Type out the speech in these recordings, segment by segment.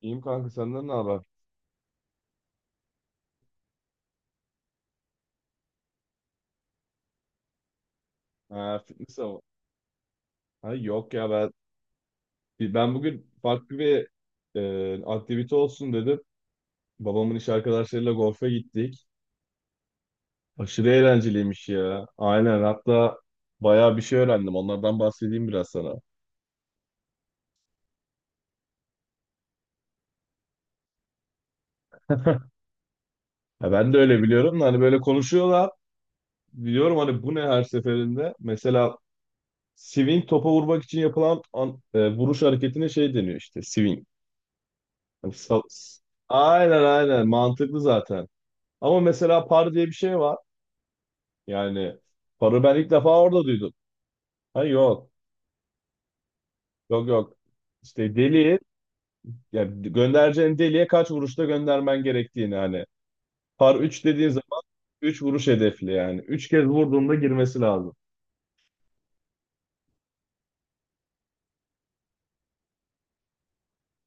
İyiyim kanka, senden ne haber? Ha, fitness ama. Ha, yok ya ben bugün farklı bir aktivite olsun dedim. Babamın iş arkadaşlarıyla golfe gittik. Aşırı eğlenceliymiş ya. Aynen, hatta bayağı bir şey öğrendim. Onlardan bahsedeyim biraz sana. Ha, ben de öyle biliyorum da hani böyle konuşuyorlar. Biliyorum hani bu ne her seferinde. Mesela swing, topa vurmak için yapılan vuruş hareketine şey deniyor işte, swing. Hani aynen aynen, mantıklı zaten. Ama mesela par diye bir şey var. Yani parı ben ilk defa orada duydum. Ha yok. Yok yok. İşte deliği, yani göndereceğin deliğe kaç vuruşta göndermen gerektiğini hani. Par 3 dediğin zaman 3 vuruş hedefli yani, 3 kez vurduğunda girmesi lazım.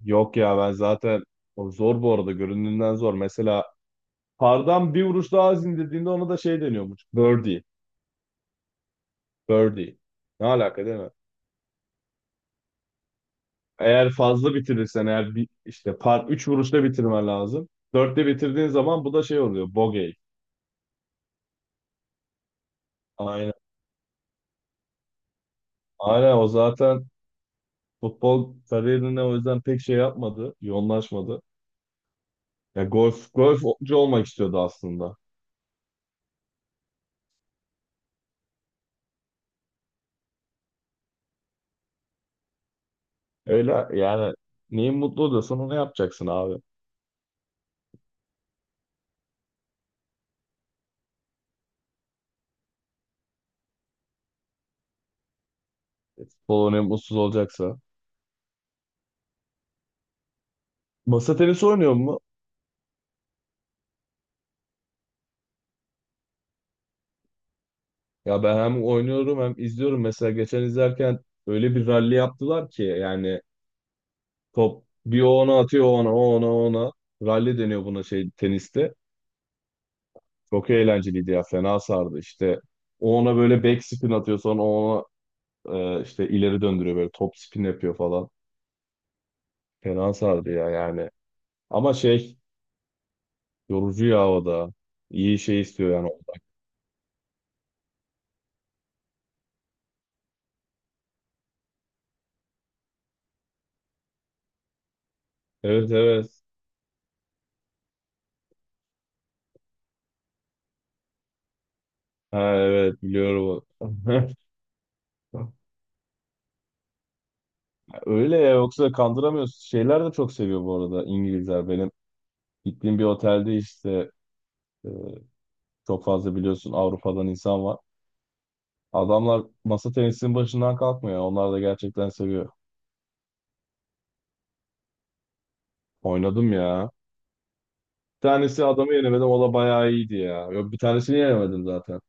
Yok ya, ben zaten o zor bu arada, göründüğünden zor. Mesela pardan bir vuruş daha az indirdiğinde ona da şey deniyormuş, birdie. Birdie. Ne alaka, değil mi? Eğer fazla bitirirsen, eğer bir, işte par 3 vuruşta bitirmen lazım. 4'te bitirdiğin zaman bu da şey oluyor, bogey. Aynen. Aynen, o zaten futbol kariyerine o yüzden pek şey yapmadı, yoğunlaşmadı. Ya golfcu olmak istiyordu aslında. Öyle yani, neyin mutlu oluyorsan onu yapacaksın abi. Futbol oynayıp mutsuz olacaksa. Masa tenisi oynuyor mu? Ya ben hem oynuyorum hem izliyorum. Mesela geçen izlerken öyle bir ralli yaptılar ki yani, top bir o ona atıyor, o ona, o ona, o ona. Rally deniyor buna, şey, teniste. Çok eğlenceliydi ya, fena sardı işte. O ona böyle back spin atıyor, sonra o ona işte ileri döndürüyor, böyle top spin yapıyor falan. Fena sardı ya yani. Ama şey, yorucu ya o da. İyi şey istiyor yani. Evet, evet. Ha, evet, biliyorum. Öyle ya, yoksa kandıramıyorsun. Şeyler de çok seviyor bu arada İngilizler. Benim gittiğim bir otelde işte, e, çok fazla, biliyorsun, Avrupa'dan insan var. Adamlar masa tenisinin başından kalkmıyor. Onlar da gerçekten seviyor. Oynadım ya. Bir tanesi, adamı yenemedim. O da bayağı iyiydi ya. Yok, bir tanesini yenemedim zaten.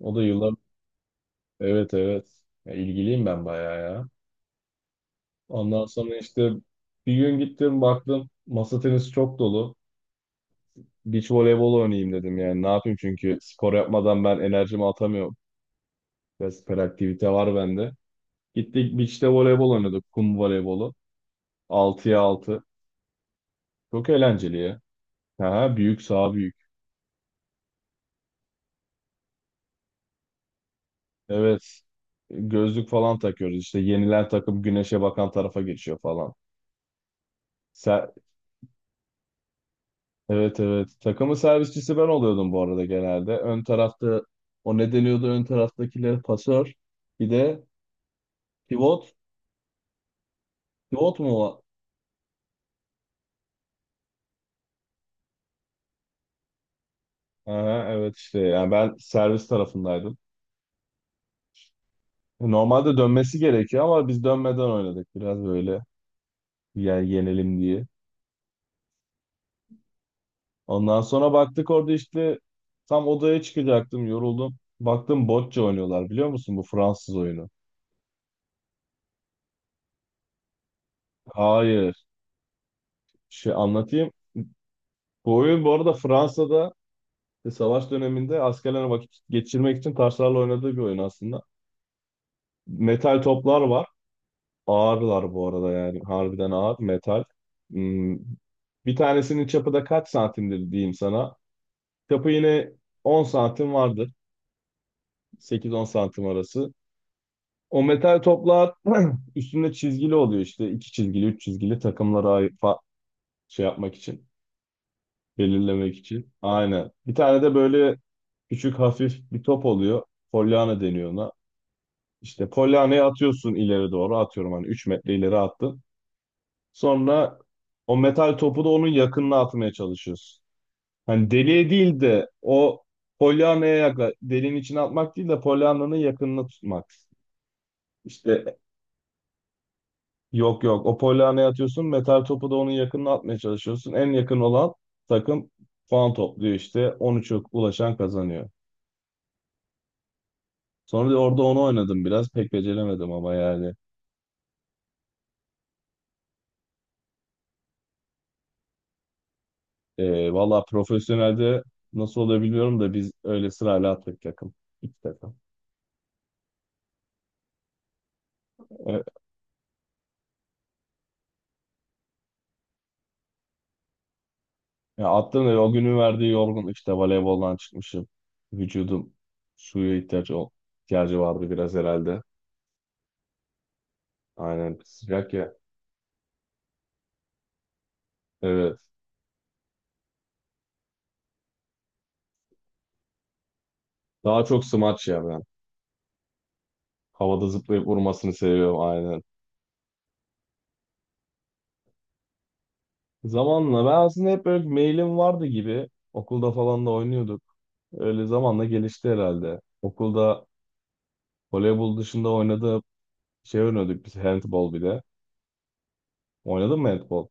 O da yıllar... Evet, evet. Ya, ilgiliyim ben bayağı ya. Ondan sonra işte bir gün gittim, baktım masa tenisi çok dolu. Beach voleybol oynayayım dedim yani. Ne yapayım, çünkü spor yapmadan ben enerjimi atamıyorum. Biraz aktivite var bende. Gittik beach'te voleybol oynadık. Kum voleybolu. Altıya 6. Çok eğlenceli ya. Ha, büyük saha, büyük. Evet. Gözlük falan takıyoruz. İşte yenilen takım güneşe bakan tarafa geçiyor falan. Se- evet, evet. Takımın servisçisi ben oluyordum bu arada genelde. Ön tarafta, o ne deniyordu, ön taraftakiler pasör. Bir de pivot. Pivot mu o? Aha, evet, işte yani ben servis tarafındaydım. Normalde dönmesi gerekiyor ama biz dönmeden oynadık biraz böyle, yani yenelim diye. Ondan sonra baktık orada işte, tam odaya çıkacaktım yoruldum. Baktım bocce oynuyorlar, biliyor musun bu Fransız oyunu? Hayır. Şey, anlatayım. Bu oyun bu arada Fransa'da işte savaş döneminde askerlerin vakit geçirmek için taşlarla oynadığı bir oyun aslında. Metal toplar var. Ağırlar bu arada, yani harbiden ağır metal. Hmm, bir tanesinin çapı da kaç santimdir diyeyim sana. Çapı yine 10 santim vardır. 8-10 santim arası. O metal toplar üstünde çizgili oluyor işte. İki çizgili, üç çizgili, takımlara şey yapmak için, belirlemek için. Aynen. Bir tane de böyle küçük hafif bir top oluyor. Pollyanna deniyor ona. İşte polyanayı atıyorsun ileri doğru. Atıyorum hani 3 metre ileri attın. Sonra o metal topu da onun yakınına atmaya çalışıyorsun. Hani deliğe değil de o polyanaya yakla, deliğin içine atmak değil de polyananın yakınına tutmak. İşte, yok yok. O polyaneye atıyorsun. Metal topu da onun yakınına atmaya çalışıyorsun. En yakın olan takım puan topluyor işte. 13'e ulaşan kazanıyor. Sonra da orada onu oynadım biraz. Pek beceremedim ama yani. Valla profesyonelde nasıl olabiliyorum da biz öyle sırayla attık takım. İki takım. Ee, ya attım da o günün verdiği yorgunluk işte, voleyboldan çıkmışım. Vücudum suya ihtiyacı, ihtiyacı vardı biraz herhalde. Aynen, sıcak ya. Evet. Daha çok smaç ya ben. Havada zıplayıp vurmasını seviyorum aynen. Zamanla ben aslında hep böyle mailim vardı gibi. Okulda falan da oynuyorduk. Öyle zamanla gelişti herhalde. Okulda voleybol dışında oynadığı şey oynuyorduk biz, handball bir de. Oynadın mı handball?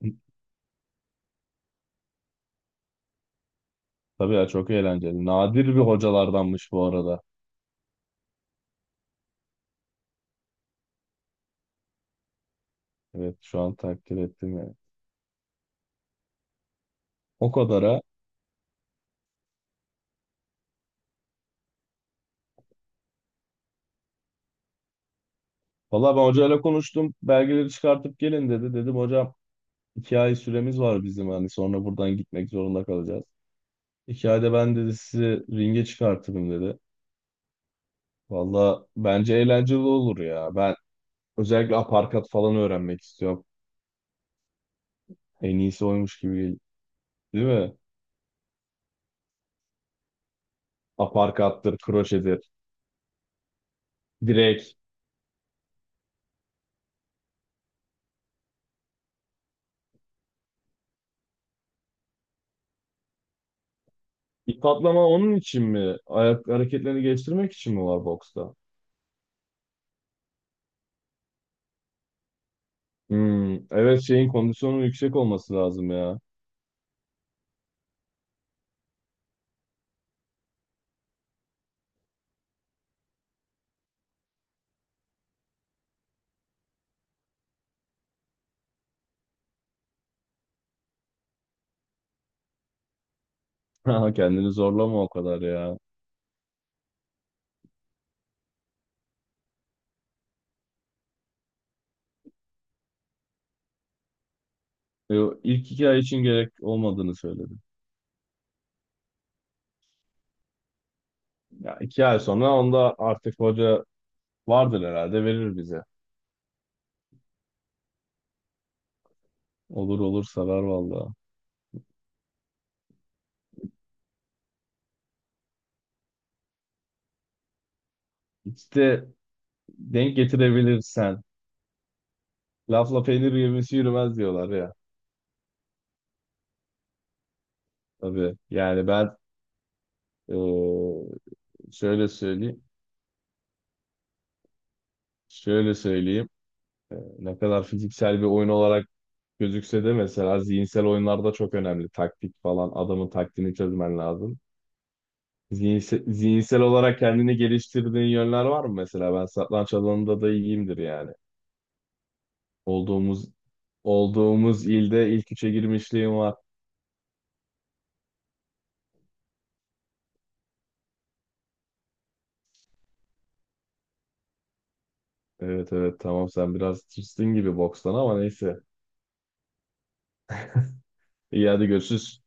Tabii ya, çok eğlenceli. Nadir bir hocalardanmış bu arada. Evet, şu an takdir ettim yani. O kadara. Valla ben hocayla konuştum. Belgeleri çıkartıp gelin dedi. Dedim hocam, 2 ay süremiz var bizim hani, sonra buradan gitmek zorunda kalacağız. Hikayede ben dedi sizi ringe çıkartırım dedi. Valla bence eğlenceli olur ya. Ben özellikle aparkat falan öğrenmek istiyorum. En iyisi oymuş değil mi? Aparkattır, kroşedir, direk. İp atlama onun için mi? Ayak hareketlerini geliştirmek için mi var boksta? Hmm, evet, şeyin kondisyonu yüksek olması lazım ya. Haha, kendini zorlama o kadar ya. E, İlk 2 ay için gerek olmadığını söyledim. Ya 2 ay sonra onda artık hoca vardır herhalde, verir bize. Olur olur, sarar valla. İşte denk getirebilirsen. Lafla peynir yemesi yürümez diyorlar ya. Tabii. Yani ben, e, şöyle söyleyeyim. Şöyle söyleyeyim. Ne kadar fiziksel bir oyun olarak gözükse de mesela zihinsel oyunlarda çok önemli. Taktik falan. Adamın taktiğini çözmen lazım. Zihinsel olarak kendini geliştirdiğin yönler var mı mesela? Ben satranç alanında da iyiyimdir yani. Olduğumuz olduğumuz ilde ilk üçe girmişliğim var. Evet evet, tamam, sen biraz tırsın gibi bokstan ama neyse. İyi, hadi görüşürüz.